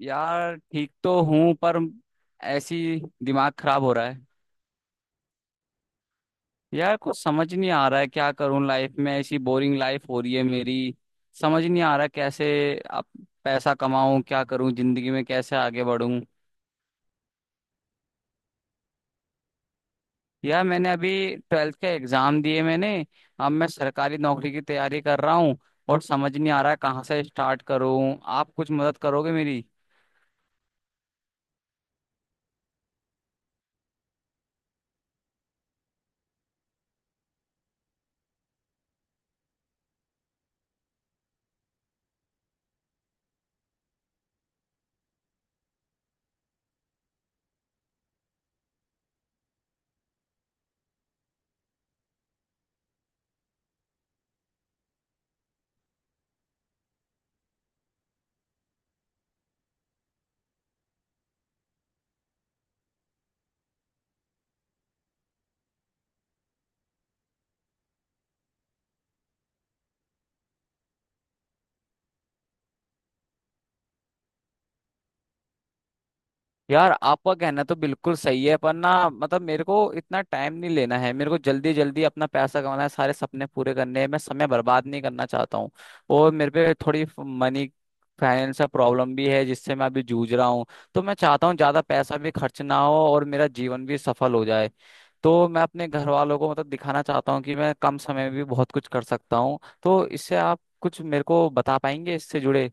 यार ठीक तो हूँ पर ऐसी दिमाग खराब हो रहा है। यार कुछ समझ नहीं आ रहा है, क्या करूँ लाइफ में। ऐसी बोरिंग लाइफ हो रही है मेरी। समझ नहीं आ रहा कैसे अब पैसा कमाऊँ, क्या करूँ जिंदगी में, कैसे आगे बढ़ूँ। यार मैंने अभी ट्वेल्थ के एग्जाम दिए मैंने। अब मैं सरकारी नौकरी की तैयारी कर रहा हूँ और समझ नहीं आ रहा है कहाँ से स्टार्ट करूँ। आप कुछ मदद करोगे मेरी? यार आपका कहना तो बिल्कुल सही है, पर ना मेरे को इतना टाइम नहीं लेना है। मेरे को जल्दी जल्दी अपना पैसा कमाना है, सारे सपने पूरे करने हैं। मैं समय बर्बाद नहीं करना चाहता हूँ। और मेरे पे थोड़ी मनी फाइनेंस का प्रॉब्लम भी है, जिससे मैं अभी जूझ रहा हूँ। तो मैं चाहता हूँ ज्यादा पैसा भी खर्च ना हो और मेरा जीवन भी सफल हो जाए। तो मैं अपने घर वालों को दिखाना चाहता हूँ कि मैं कम समय में भी बहुत कुछ कर सकता हूँ। तो इससे आप कुछ मेरे को बता पाएंगे इससे जुड़े?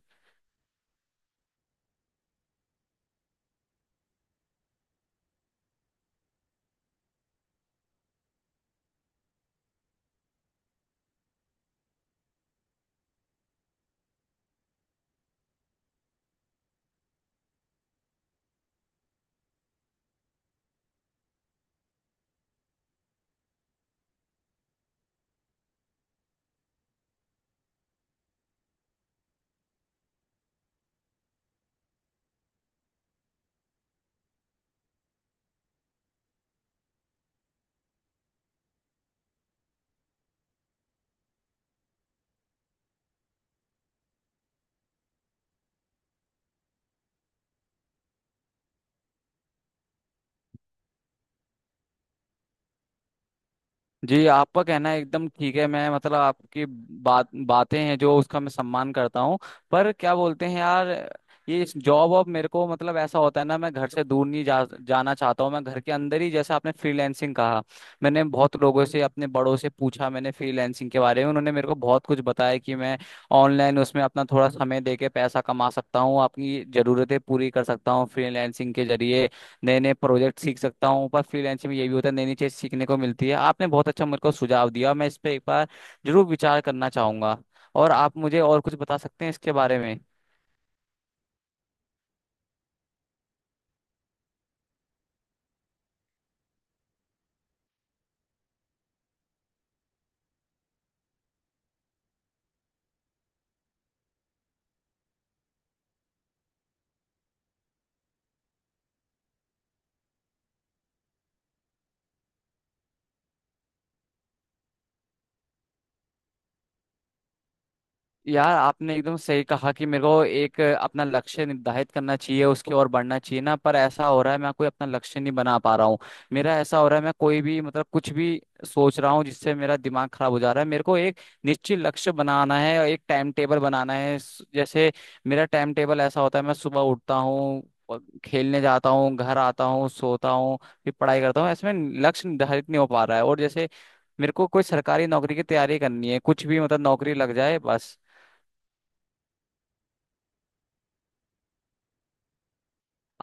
जी, आपका कहना एकदम ठीक है। मैं आपकी बातें हैं जो, उसका मैं सम्मान करता हूँ। पर क्या बोलते हैं यार, ये इस जॉब अब मेरे को ऐसा होता है ना, मैं घर से दूर नहीं जा जाना चाहता हूँ। मैं घर के अंदर ही, जैसे आपने फ्रीलैंसिंग कहा। मैंने बहुत लोगों से, अपने बड़ों से पूछा मैंने फ्रीलैंसिंग के बारे में। उन्होंने मेरे को बहुत कुछ बताया कि मैं ऑनलाइन उसमें अपना थोड़ा समय दे के पैसा कमा सकता हूँ, अपनी जरूरतें पूरी कर सकता हूँ फ्रीलैंसिंग के जरिए। नए नए प्रोजेक्ट सीख सकता हूँ। पर फ्रीलैंसिंग में ये भी होता है, नई नई चीज़ सीखने को मिलती है। आपने बहुत अच्छा मेरे को सुझाव दिया, मैं इस पर एक बार जरूर विचार करना चाहूंगा। और आप मुझे और कुछ बता सकते हैं इसके बारे में? यार, आपने एकदम सही कहा कि मेरे को एक अपना लक्ष्य निर्धारित करना चाहिए, उसकी ओर बढ़ना चाहिए ना। पर ऐसा हो रहा है मैं कोई अपना लक्ष्य नहीं बना पा रहा हूँ। मेरा ऐसा हो रहा है, मैं कोई भी कुछ भी सोच रहा हूँ, जिससे मेरा दिमाग खराब हो जा रहा है। मेरे को एक निश्चित लक्ष्य बनाना है और एक टाइम टेबल बनाना है। जैसे मेरा टाइम टेबल ऐसा होता है, मैं सुबह उठता हूँ और खेलने जाता हूँ, घर आता हूँ, सोता हूँ, फिर पढ़ाई करता हूँ। ऐसे में लक्ष्य निर्धारित नहीं हो पा रहा है। और जैसे मेरे को कोई सरकारी नौकरी की तैयारी करनी है, कुछ भी नौकरी लग जाए बस।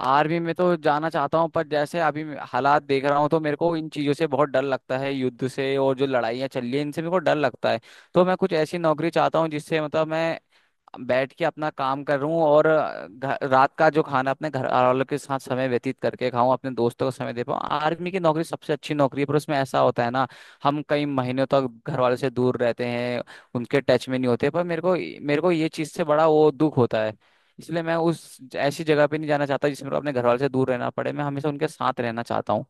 आर्मी में तो जाना चाहता हूँ, पर जैसे अभी मैं हालात देख रहा हूँ तो मेरे को इन चीजों से बहुत डर लगता है, युद्ध से। और जो लड़ाइयाँ चल रही है इनसे मेरे को डर लगता है। तो मैं कुछ ऐसी नौकरी चाहता हूँ जिससे मैं बैठ के अपना काम कर रहा हूँ और रात का जो खाना अपने घर वालों के साथ समय व्यतीत करके खाऊं, अपने दोस्तों को समय दे पाऊँ। आर्मी की नौकरी सबसे अच्छी नौकरी है, पर उसमें ऐसा होता है ना, हम कई महीनों तक घर वालों से दूर रहते हैं, उनके टच में नहीं होते। पर मेरे को ये चीज़ से बड़ा वो दुख होता है। इसलिए मैं उस ऐसी जगह पे नहीं जाना चाहता जिसमें मेरे को अपने घर वालों से दूर रहना पड़े। मैं हमेशा उनके साथ रहना चाहता हूँ।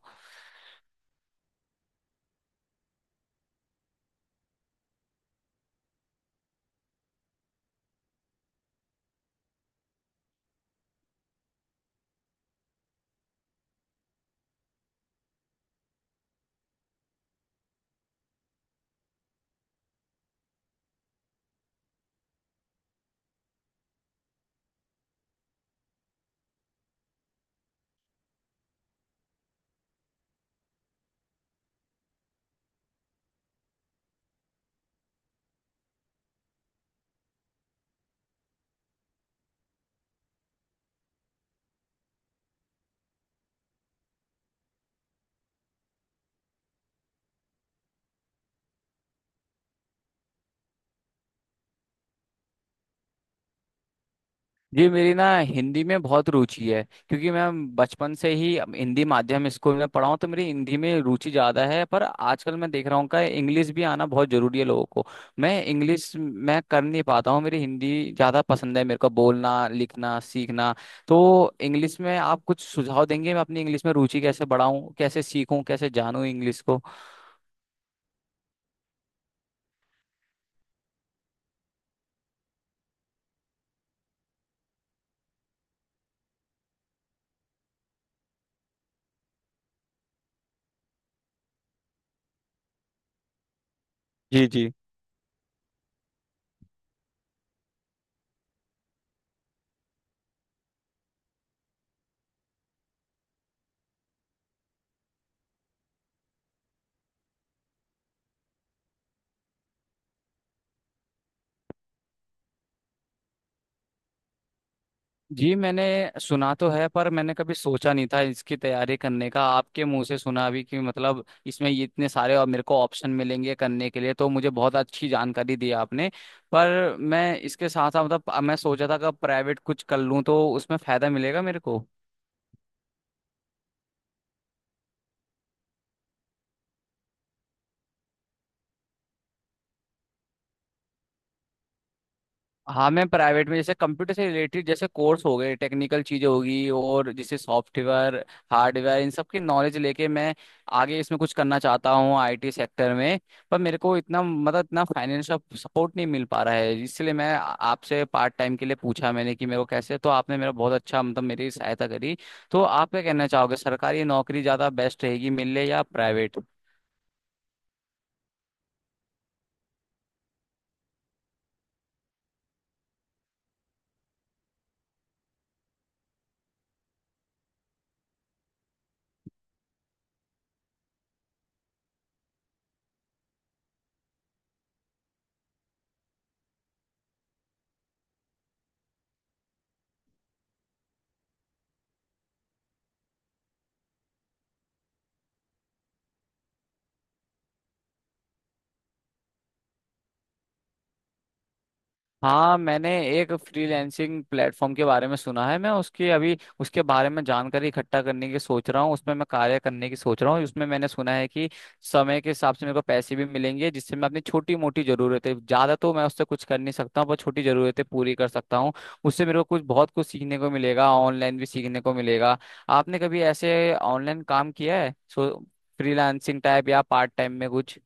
जी, मेरी ना हिंदी में बहुत रुचि है, क्योंकि मैं बचपन से ही हिंदी माध्यम स्कूल में पढ़ा हूँ। तो मेरी हिंदी में रुचि ज़्यादा है। पर आजकल मैं देख रहा हूँ कि इंग्लिश भी आना बहुत ज़रूरी है लोगों को। मैं इंग्लिश मैं कर नहीं पाता हूँ। मेरी हिंदी ज़्यादा पसंद है मेरे को, बोलना, लिखना, सीखना। तो इंग्लिश में आप कुछ सुझाव देंगे मैं अपनी इंग्लिश में रुचि कैसे बढ़ाऊँ, कैसे सीखूँ, कैसे जानूँ इंग्लिश को? जी जी। जी, मैंने सुना तो है, पर मैंने कभी सोचा नहीं था इसकी तैयारी करने का। आपके मुंह से सुना अभी कि इसमें ये इतने सारे और मेरे को ऑप्शन मिलेंगे करने के लिए। तो मुझे बहुत अच्छी जानकारी दी आपने। पर मैं इसके साथ साथ मैं सोचा था कि प्राइवेट कुछ कर लूँ तो उसमें फायदा मिलेगा मेरे को। हाँ, मैं प्राइवेट में जैसे कंप्यूटर से रिलेटेड जैसे कोर्स हो गए, टेक्निकल चीजें होगी और जैसे सॉफ्टवेयर, हार्डवेयर, इन सब की नॉलेज लेके मैं आगे इसमें कुछ करना चाहता हूँ, आईटी सेक्टर में। पर मेरे को इतना इतना फाइनेंशियल सपोर्ट नहीं मिल पा रहा है। इसलिए मैं आपसे पार्ट टाइम के लिए पूछा मैंने कि मेरे को कैसे। तो आपने मेरा बहुत अच्छा मेरी सहायता करी। तो आप क्या कहना चाहोगे, सरकारी नौकरी ज़्यादा बेस्ट रहेगी मिलने या प्राइवेट? हाँ, मैंने एक फ्रीलैंसिंग प्लेटफॉर्म के बारे में सुना है। मैं उसके अभी उसके बारे में जानकारी इकट्ठा करने की सोच रहा हूँ। उसमें मैं कार्य करने की सोच रहा हूँ। उसमें मैंने सुना है कि समय के हिसाब से मेरे को पैसे भी मिलेंगे, जिससे मैं अपनी छोटी मोटी ज़रूरतें, ज़्यादा तो मैं उससे कुछ कर नहीं सकता हूँ, पर छोटी ज़रूरतें पूरी कर सकता हूँ। उससे मेरे को कुछ बहुत कुछ सीखने को मिलेगा, ऑनलाइन भी सीखने को मिलेगा। आपने कभी ऐसे ऑनलाइन काम किया है, सो फ्रीलांसिंग टाइप या पार्ट टाइम में कुछ?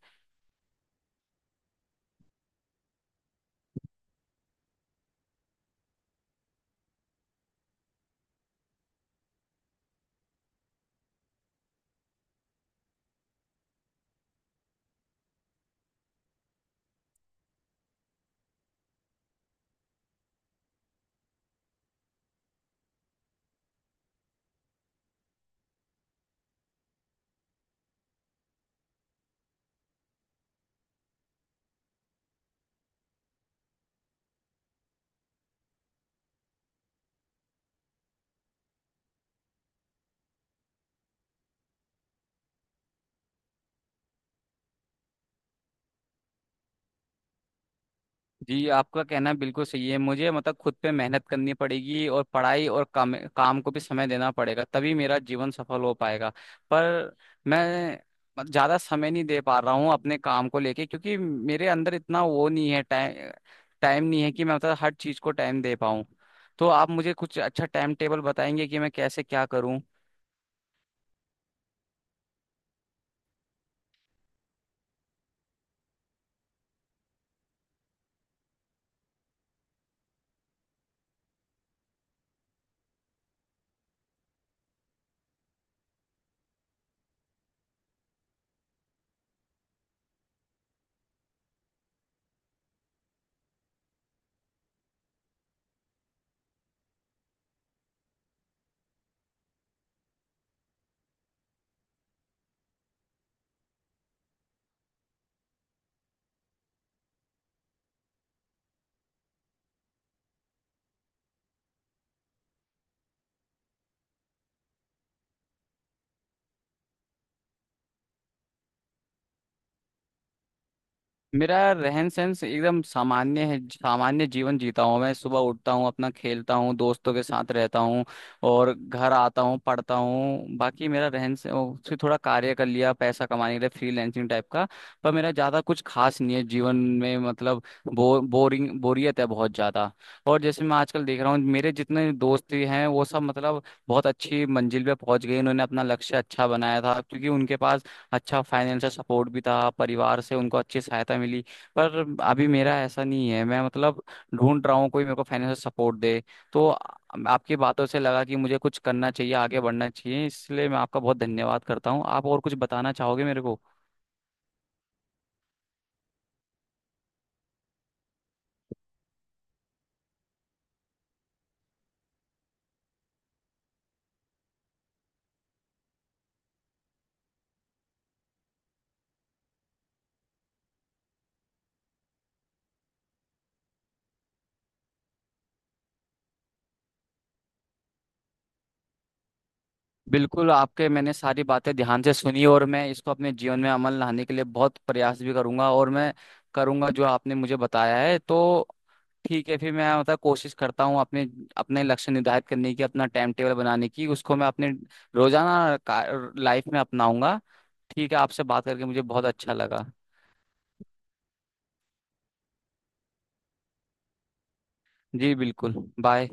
जी, आपका कहना बिल्कुल सही है। मुझे खुद पे मेहनत करनी पड़ेगी और पढ़ाई और काम काम को भी समय देना पड़ेगा, तभी मेरा जीवन सफल हो पाएगा। पर मैं ज़्यादा समय नहीं दे पा रहा हूँ अपने काम को लेके, क्योंकि मेरे अंदर इतना वो नहीं है, टाइम। नहीं है कि मैं हर चीज़ को टाइम दे पाऊँ। तो आप मुझे कुछ अच्छा टाइम टेबल बताएंगे कि मैं कैसे क्या करूँ? मेरा रहन सहन एकदम सामान्य है, सामान्य जीवन जीता हूँ। मैं सुबह उठता हूँ, अपना खेलता हूँ दोस्तों के साथ, रहता हूँ और घर आता हूँ, पढ़ता हूँ। बाकी मेरा रहन सहन से थोड़ा कार्य कर लिया पैसा कमाने के लिए, फ्रीलैंसिंग टाइप का। पर मेरा ज़्यादा कुछ खास नहीं है जीवन में, बोरिंग बोरियत है बहुत ज़्यादा। और जैसे मैं आजकल देख रहा हूँ मेरे जितने दोस्त भी हैं वो सब बहुत अच्छी मंजिल पे पहुंच गए। उन्होंने अपना लक्ष्य अच्छा बनाया था, क्योंकि उनके पास अच्छा फाइनेंशियल सपोर्ट भी था, परिवार से उनको अच्छी सहायता मिली। पर अभी मेरा ऐसा नहीं है। मैं ढूंढ रहा हूँ कोई मेरे को फाइनेंशियल सपोर्ट दे। तो आपकी बातों से लगा कि मुझे कुछ करना चाहिए, आगे बढ़ना चाहिए। इसलिए मैं आपका बहुत धन्यवाद करता हूँ। आप और कुछ बताना चाहोगे मेरे को? बिल्कुल, आपके, मैंने सारी बातें ध्यान से सुनी और मैं इसको अपने जीवन में अमल लाने के लिए बहुत प्रयास भी करूंगा। और मैं करूंगा जो आपने मुझे बताया है। तो ठीक है, फिर मैं कोशिश करता हूँ अपने अपने लक्ष्य निर्धारित करने की, अपना टाइम टेबल बनाने की, उसको मैं अपने रोजाना लाइफ में अपनाऊंगा। ठीक है, आपसे बात करके मुझे बहुत अच्छा लगा। जी बिल्कुल। बाय।